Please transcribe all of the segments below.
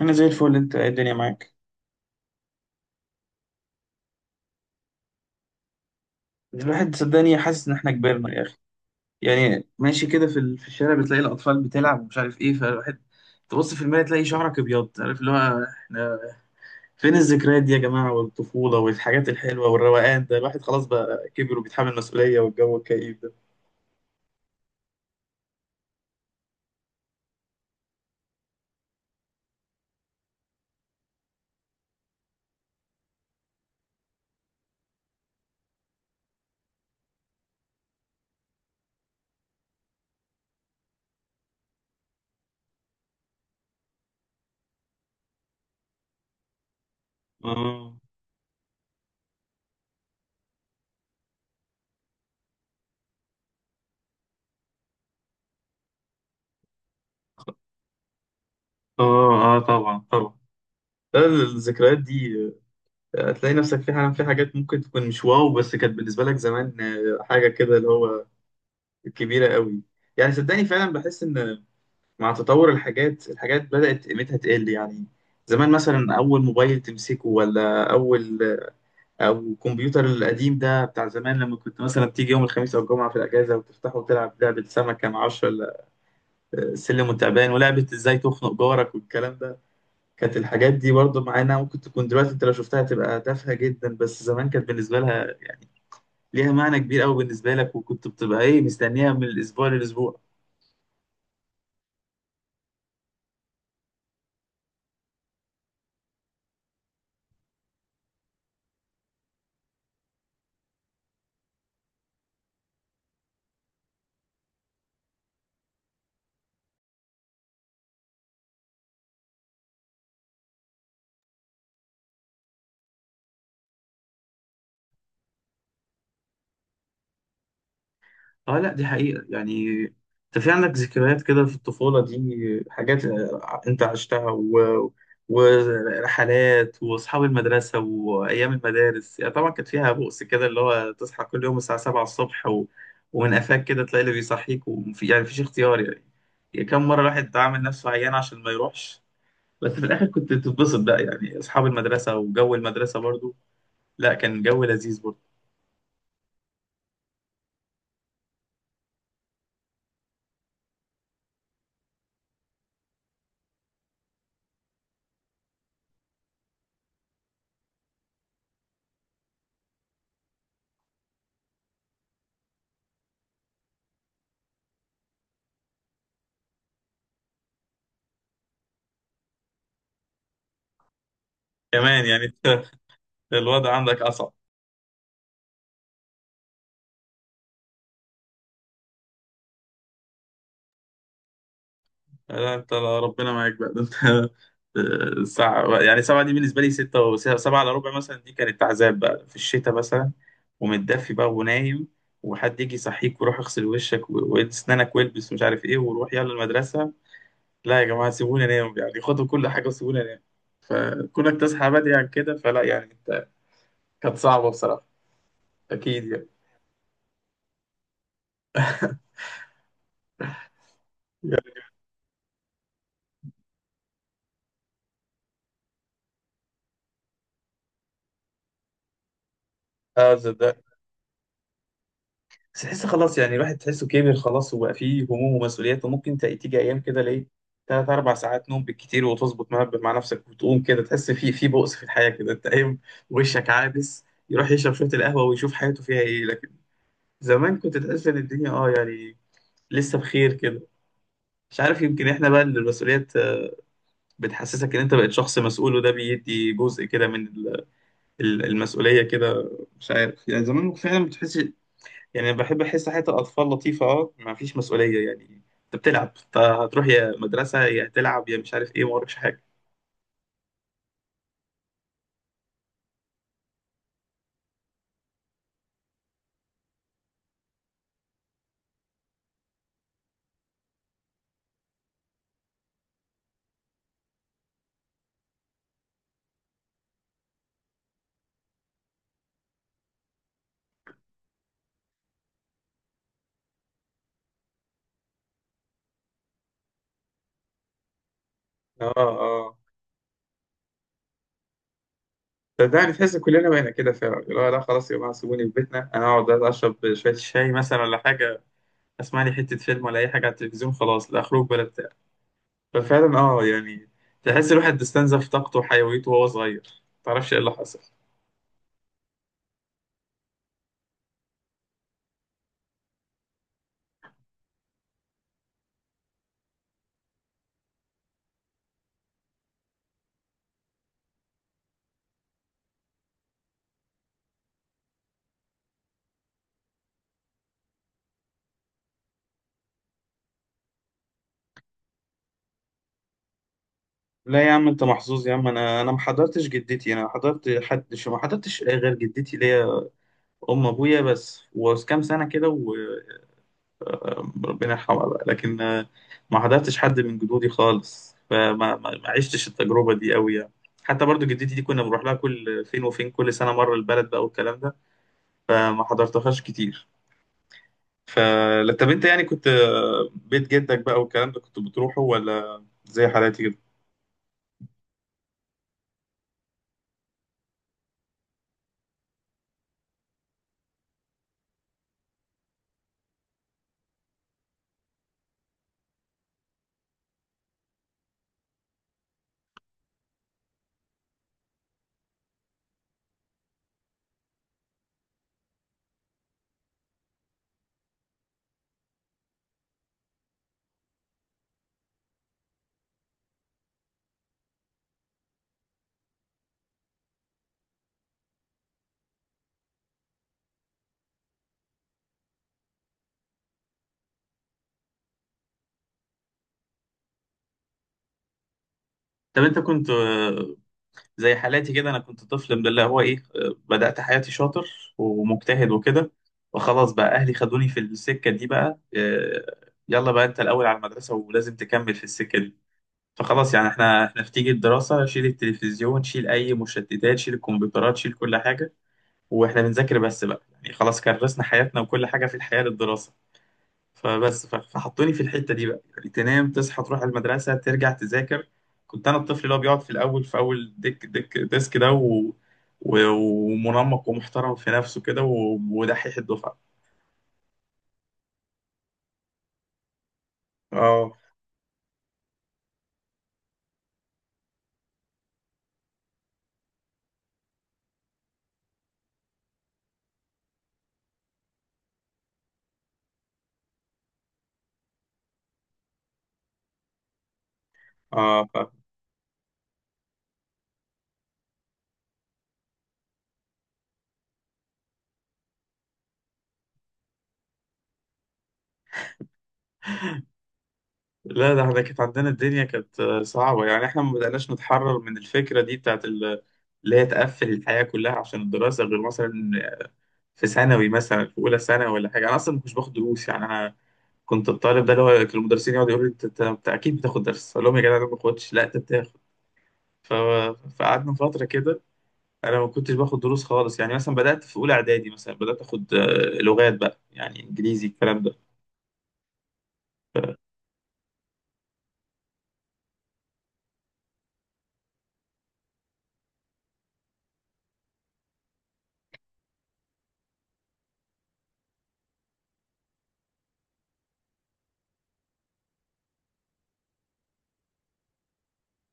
انا زي الفل. انت إيه الدنيا معاك؟ الواحد صدقني حاسس ان احنا كبرنا يا اخي. يعني ماشي كده في الشارع بتلاقي الاطفال بتلعب ومش عارف ايه، فالواحد تبص في المرايه تلاقي شعرك ابيض، عارف اللي هو احنا فين؟ الذكريات دي يا جماعه والطفوله والحاجات الحلوه والروقان ده، الواحد خلاص بقى كبر وبيتحمل مسؤوليه والجو الكئيب ده. اه، اه، اه، طبعا، طبعا. لا، الذكريات دي هتلاقي نفسك في حاجة، في حاجات ممكن تكون مش واو بس كانت بالنسبة لك زمان حاجة كده اللي هو كبيرة قوي. يعني صدقني فعلا بحس ان مع تطور الحاجات، الحاجات بدأت قيمتها تقل يعني. زمان مثلا أول موبايل تمسكه، ولا أول أو الكمبيوتر القديم ده بتاع زمان، لما كنت مثلا تيجي يوم الخميس أو الجمعة في الأجازة وتفتحه وتلعب لعبة سمكة مع عشرة، ولا سلم وتعبان ولعبة إزاي تخنق جارك والكلام ده. كانت الحاجات دي برضه معانا، ممكن تكون دلوقتي أنت لو شفتها تبقى تافهة جدا، بس زمان كانت بالنسبة لها يعني ليها معنى كبير أوي بالنسبة لك، وكنت بتبقى إيه، مستنيها من الأسبوع للأسبوع. اه، لا دي حقيقة يعني. انت في عندك ذكريات كده في الطفولة، دي حاجات انت عشتها، ورحلات واصحاب المدرسة وايام المدارس، يعني طبعا كانت فيها بؤس كده اللي هو تصحى كل يوم الساعة 7 الصبح، ومن قفاك كده تلاقي اللي بيصحيك، وفي يعني مفيش اختيار يعني. يعني كم مرة الواحد عامل نفسه عيان عشان ما يروحش. بس في الاخر كنت بتتبسط بقى، يعني اصحاب المدرسة وجو المدرسة برضو. لا كان جو لذيذ برضو كمان يعني. الوضع عندك. لا انت، لا، ربنا معاك بقى، ده انت. ساعة يعني سبعة، دي بالنسبة لي ستة وسبعة إلا ربع مثلا، دي كانت عذاب بقى في الشتاء مثلا، ومتدفي بقى ونايم، وحد يجي يصحيك، وروح اغسل وشك وإد سنانك والبس ومش عارف ايه، وروح يلا المدرسة. لا يا جماعة سيبوني انام يعني، خدوا كل حاجة وسيبوني انام. كونك تصحى بدري عن كده فلا يعني انت، كانت صعبة بصراحة. أكيد يعني. يعني اه صدقني. بس تحس خلاص يعني، الواحد تحسه كبر خلاص وبقى فيه هموم ومسؤوليات، وممكن تيجي ايام كده ليه تلات اربع ساعات نوم بالكتير، وتظبط مع نفسك وتقوم كده تحس في بؤس في الحياه كده، انت قايم وشك عابس، يروح يشرب شويه القهوه ويشوف حياته فيها ايه. لكن زمان كنت تحس ان الدنيا يعني لسه بخير كده. مش عارف، يمكن احنا بقى اللي المسؤوليات بتحسسك ان انت بقيت شخص مسؤول، وده بيدي جزء كده من المسؤوليه كده. مش عارف يعني، زمان فعلا بتحس يعني، بحب احس حياه الاطفال لطيفه ما فيش مسؤوليه يعني. انت بتلعب، انت هتروح يا مدرسه يا تلعب يا مش عارف ايه، ما وراكش حاجه. اه، اه، صدقني تحس كلنا بقينا كده فعلا اللي هو لا خلاص يا جماعه، سيبوني في بيتنا، انا اقعد اشرب شويه شاي مثلا ولا حاجه، اسمع لي حته فيلم ولا اي حاجه على التلفزيون، خلاص لا خروج ولا بتاع. ففعلا يعني تحس الواحد استنزف طاقته وحيويته وهو صغير، ما تعرفش ايه اللي حصل. لا يا عم انت محظوظ يا عم، انا ما حضرتش جدتي، انا حضرت حد شو، ما حضرتش غير جدتي ليا أم أبويا بس، وكام سنة كده وربنا يرحمها بقى، لكن ما حضرتش حد من جدودي خالص، فما ما ما عشتش التجربة دي قوي يعني. حتى برضو جدتي دي كنا بنروح لها كل فين وفين، كل سنة مرة البلد بقى والكلام ده، فما حضرتهاش كتير. ف لا، طب انت يعني كنت بيت جدك بقى والكلام ده كنت بتروحه ولا زي حالاتي كده؟ طب انت كنت زي حالاتي كده، انا كنت طفل من اللي هو ايه بدأت حياتي شاطر ومجتهد وكده، وخلاص بقى اهلي خدوني في السكة دي بقى يلا بقى انت الاول على المدرسة ولازم تكمل في السكة دي. فخلاص يعني احنا في، تيجي الدراسة شيل التلفزيون، شيل اي مشتتات، شيل الكمبيوترات، شيل كل حاجة واحنا بنذاكر بس بقى يعني، خلاص كرسنا حياتنا وكل حاجة في الحياة للدراسة. فبس فحطوني في الحتة دي بقى يعني، تنام تصحى تروح المدرسة ترجع تذاكر. كنت أنا الطفل اللي هو بيقعد في الأول في أول ديك ديك ديسك ده، ومنمق ومحترم في نفسه كده، ودحيح الدفعة. اه، اه، لا ده احنا كانت عندنا الدنيا كانت صعبة، يعني احنا ما بدأناش نتحرر من الفكرة دي بتاعت اللي هي تقفل الحياة كلها عشان الدراسة، غير مثلا في ثانوي مثلا. في أولى ثانوي ولا حاجة أنا أصلا ما كنتش باخد دروس يعني، أنا كنت الطالب ده اللي هو كان المدرسين يقعدوا يقولوا لي انت اكيد بتاخد درس، اقول لهم يا جدع انا ما باخدش، لا انت بتاخد. ف... فقعدنا فتره كده، انا ما كنتش باخد دروس خالص يعني، مثلا بدات في اولى اعدادي مثلا بدات اخد لغات بقى يعني انجليزي الكلام ده.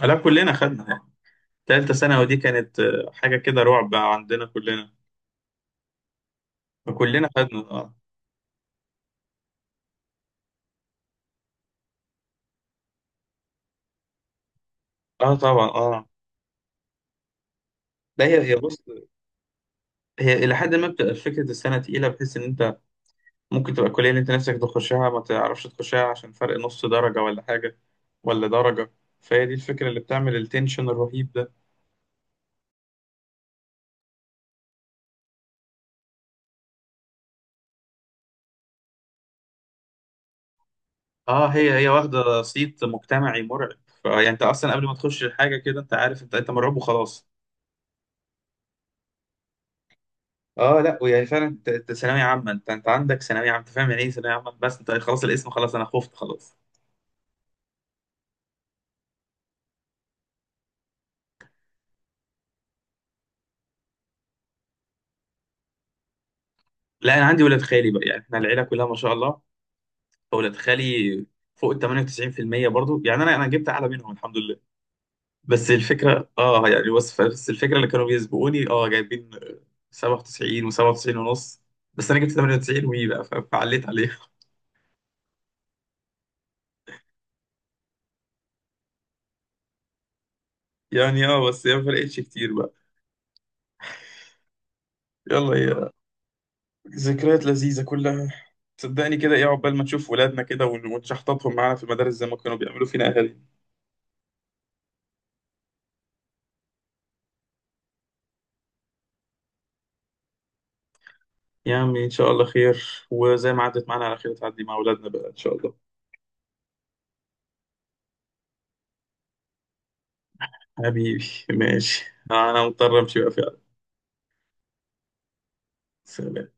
لا كلنا خدنا يعني، ثالثه ثانوي دي كانت حاجه كده رعب بقى عندنا كلنا، فكلنا خدنا اه، اه، طبعا، اه. لا هي بص، هي الى حد ما بتبقى فكره السنه تقيله بحيث ان انت ممكن تبقى الكلية اللي انت نفسك تخشها ما تعرفش تخشها عشان فرق نص درجة ولا حاجة ولا درجة، فهي دي الفكرة اللي بتعمل التنشن الرهيب ده. اه هي واخدة صيت مجتمعي مرعب، فيعني انت اصلا قبل ما تخش الحاجة كده انت عارف، انت مرعوب وخلاص. اه، لا ويعني فعلا انت ثانوية عامة، انت عندك ثانوية عامة، انت فاهم يعني ايه ثانوية عامة، بس انت خلاص الاسم خلاص انا خفت خلاص. لا انا عندي ولاد خالي بقى يعني، احنا العيلة كلها ما شاء الله، فولاد خالي فوق ال 98% برضو، يعني انا جبت اعلى منهم الحمد لله. بس الفكرة يعني، بس الفكرة اللي كانوا بيسبقوني جايبين 97 و97 ونص، بس انا جبت 98 وي بقى فعليت عليها. يعني بس هي ما فرقتش كتير بقى. يلا يا، ذكريات لذيذة كلها، صدقني كده ايه عقبال ما نشوف ولادنا كده، ونشحططهم معانا في المدارس زي ما كانوا بيعملوا فينا اهالي. يا عمي ان شاء الله خير، وزي ما عدت معانا على خير تعدي مع ولادنا بقى ان شاء الله. حبيبي، ماشي، انا مضطر امشي بقى فعلا، سلام.